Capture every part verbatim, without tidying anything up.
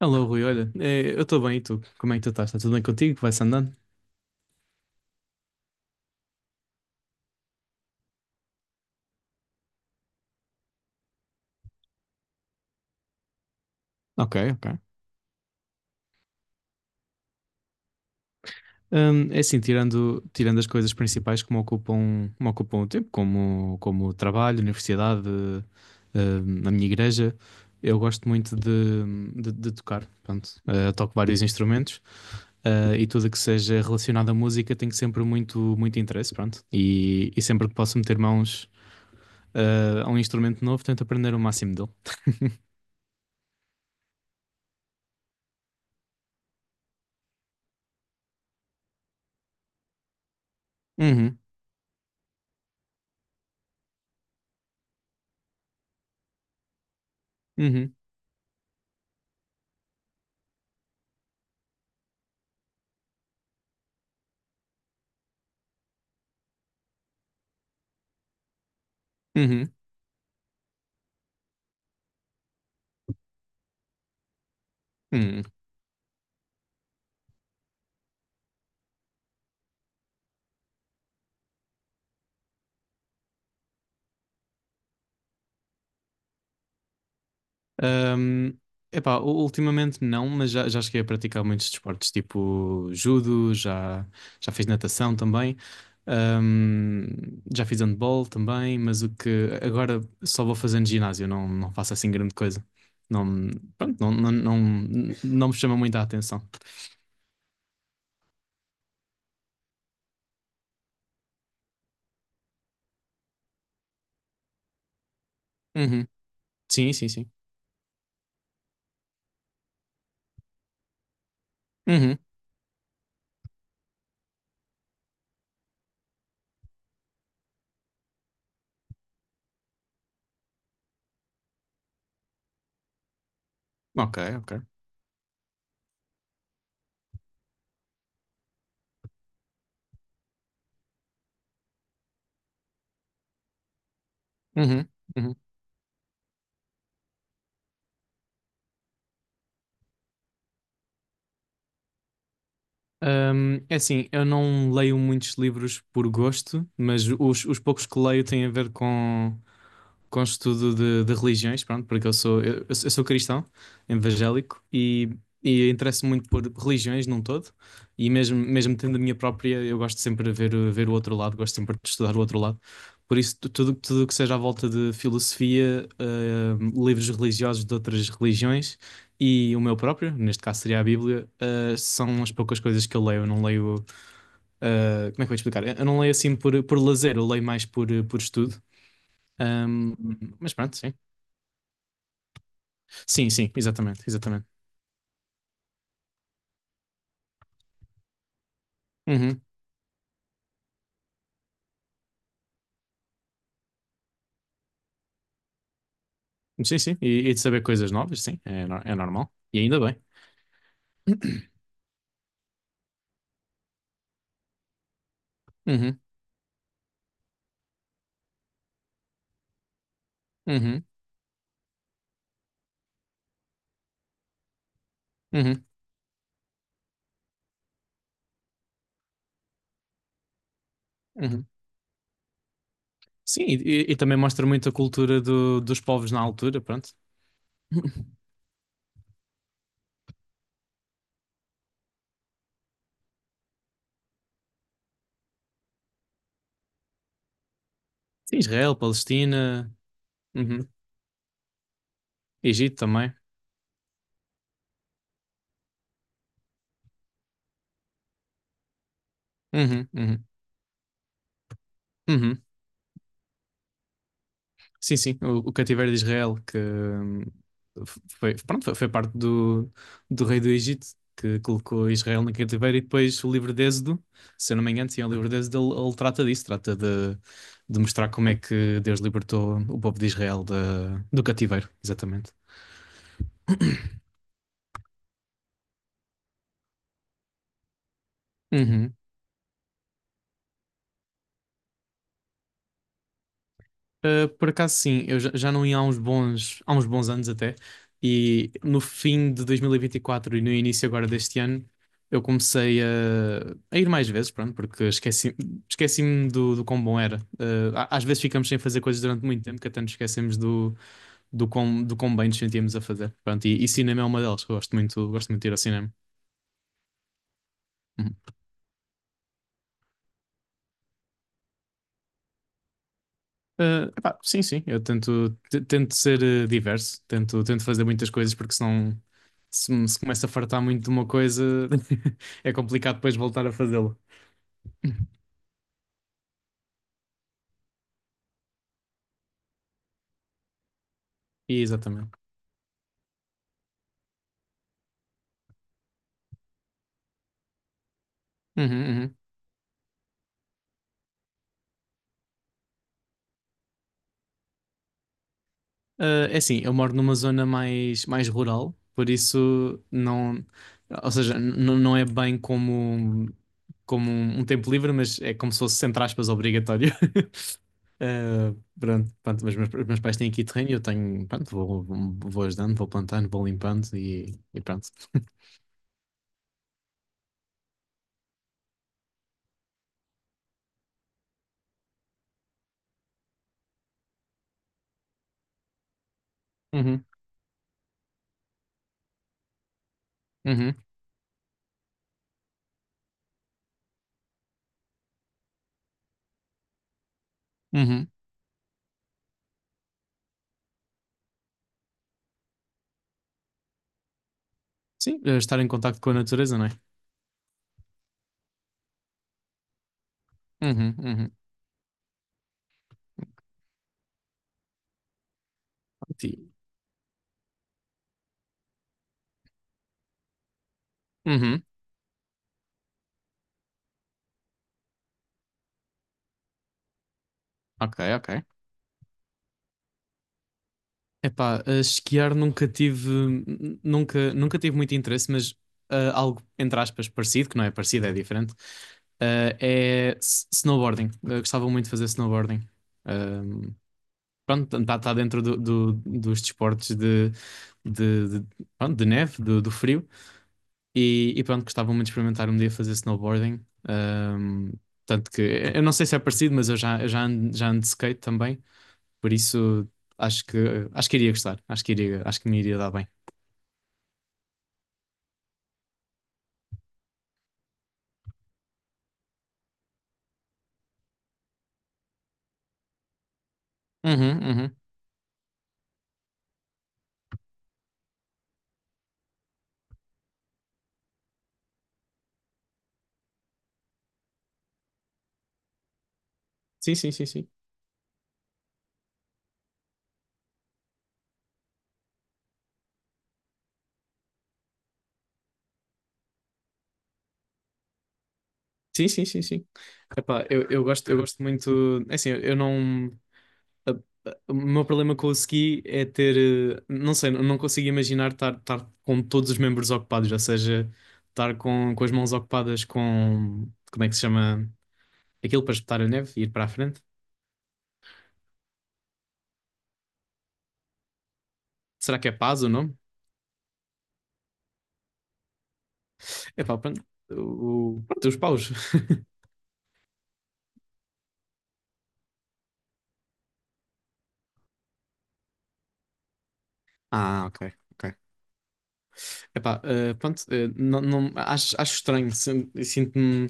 Alô, Rui, olha, eh, eu estou bem, e tu? Como é que tu estás? Está tudo bem contigo? Vai-se andando? Ok, ok. Hum, é assim, tirando, tirando as coisas principais que me ocupam, me ocupam o tempo, como, como o trabalho, universidade, hum, a minha igreja. Eu gosto muito de, de, de tocar, pronto. Eh, toco vários instrumentos, eh, e tudo que seja relacionado à música tenho sempre muito, muito interesse, pronto. E, e sempre que posso meter mãos, eh, a um instrumento novo, tento aprender o máximo dele. Uhum, uhum, uhum, uhum. Ahm, Epá, u- ultimamente não, mas já, já cheguei a praticar muitos desportos, tipo judo. Já, já fiz natação também, ahm, já fiz handball também. Mas o que agora, só vou fazendo ginásio, não, não faço assim grande coisa. Não, pronto, não, não, não, não me chama muito a atenção. Uhum. Sim, sim, sim. Uhum. Ok, ok. Uhum. Uhum. Hum, é assim, eu não leio muitos livros por gosto, mas os, os poucos que leio têm a ver com, com estudo de, de religiões, pronto. Porque eu sou, eu, eu sou eu sou cristão, evangélico, e, e interesso-me muito por religiões num todo. E mesmo, mesmo tendo a minha própria, eu gosto sempre de ver, o- ver o outro lado, gosto sempre de estudar o outro lado. Por isso, tu- tudo, tudo o que seja à volta de filosofia, hum, livros religiosos de outras religiões, e o meu próprio, neste caso seria a Bíblia, ah, são as poucas coisas que eu leio. Eu não leio. Ah, como é que eu vou explicar? Eu não leio assim por, por lazer, eu leio mais por, eh, por estudo. Ahm, mas pronto, sim. Sim, sim, exatamente, exatamente. Uhum. Sim, sim. E, e de saber coisas novas, sim, é, nor- é normal. E ainda bem. Uhum, uhum, uhum, uhum. Sim, e, e- e também mostra muito a cultura do- dos povos na altura, pronto. Sim, Israel, Palestina, uhum. Egito também. Uhum, uhum, uhum. Sim, sim, o, o cativeiro de Israel, que hum, foi, pronto, foi, foi parte do, do rei do Egito, que colocou Israel no cativeiro. E depois, o livro de Êxodo, se eu não me engano, sim, é o livro de Êxodo, ele, ele trata disso. Trata de, de mostrar como é que Deus libertou o povo de Israel da- do cativeiro, exatamente. Uhum. Uh, por acaso sim, eu já, já não ia há uns bons, há uns bons anos até, e no fim de dois mil e vinte e quatro e vinte e quatro e no início agora deste ano, eu comecei a, a ir mais vezes, pronto, porque esqueci, esqueci-me do, do quão bom era. Uh, a- às vezes, ficamos sem fazer coisas durante muito tempo que até nos esquecemos do, do quão, do quão bem nos sentíamos a fazer. Pronto, e, e cinema é uma delas, eu gosto muito, gosto muito de ir ao cinema. Uhum. Eh, epá, sim, sim, eu tento, te- tento ser eh, diverso, tento, tento fazer muitas coisas, porque senão, se, me- se começa a fartar muito de uma coisa, é complicado depois voltar a fazê-lo. E, exatamente. Uhum, uhum. Eh, é assim, eu moro numa zona mais, mais rural, por isso não, ou seja, n- não é bem como, como, um tempo livre, mas é como se fosse, entre aspas, obrigatório. Eh, Pronto, pronto, mas meus, meus pais têm aqui terreno, e eu tenho, pronto, vou, vou ajudando, vou plantando, vou limpando, e, e pronto. Uhum, uhum, uhum. Sim, eh, estar em contacto com a natureza, não é? Uhum, uhum. Ti- Uhum, ok, ok. Epá, eh, esquiar nunca tive, n- nunca, nunca tive muito interesse. Mas eh, algo, entre aspas, parecido, que não é parecido, é diferente, eh, é s- snowboarding. Eu gostava muito de fazer snowboarding. Ah, pronto, está tá dentro do, do- dos desportos, de, de, de- pronto, de neve, do, do frio. E, e pronto, gostava muito de experimentar um dia fazer snowboarding. Ahm, tanto que, eu não sei se é parecido, mas eu já, eu já ando, já ando de skate também. Por isso, acho que, acho que iria gostar. Acho que iria, acho que me iria dar bem. Uhum, uhum. Sim, sim, sim, sim. Sim, sim, sim, sim. Epá, eu, eu gosto, eu gosto muito. É assim, eu não. a- a- O meu problema com o ski é ter, eh, não sei, não consigo imaginar estar, estar com todos os membros ocupados. Ou seja, estar com, com as mãos ocupadas com, como é que se chama, aquilo para espetar a neve e ir para a frente. Será que é paz o nome? Epá, pronto, o, o- pronto, os paus. Ah, ok, ok. Epá, eh, pronto, eh, não, não, acho, acho estranho, sin- sinto-me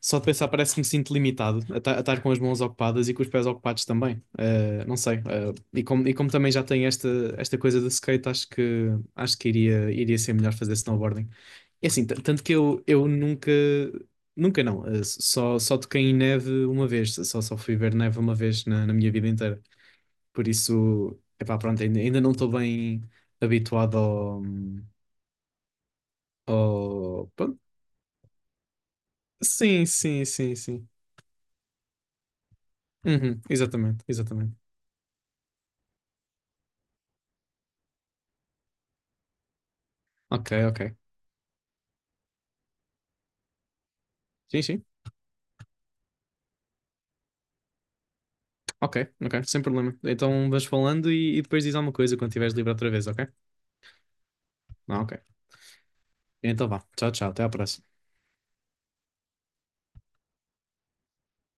só de pensar, parece que me sinto limitado a ta- a estar com as mãos ocupadas e com os pés ocupados também. Eh, não sei. eh, e como, e como também já tenho esta, esta coisa do skate, acho que, acho que iria, iria ser melhor fazer snowboarding. É assim, tan- tanto que eu, eu nunca, nunca não, eh, só, só toquei em neve uma vez, só, só fui ver neve uma vez na, na minha vida inteira. Por isso, epá, pronto, ainda, ainda não estou bem habituado ao, ao... pronto. Sim, sim, sim, sim. Uhum, exatamente, exatamente. Ok, ok. Sim, sim. Ok, ok, sem problema. Então vais falando e, e depois diz alguma coisa quando estiveres livre outra vez, ok? Ah, ok. Então vá. Tchau, tchau. Até à próxima.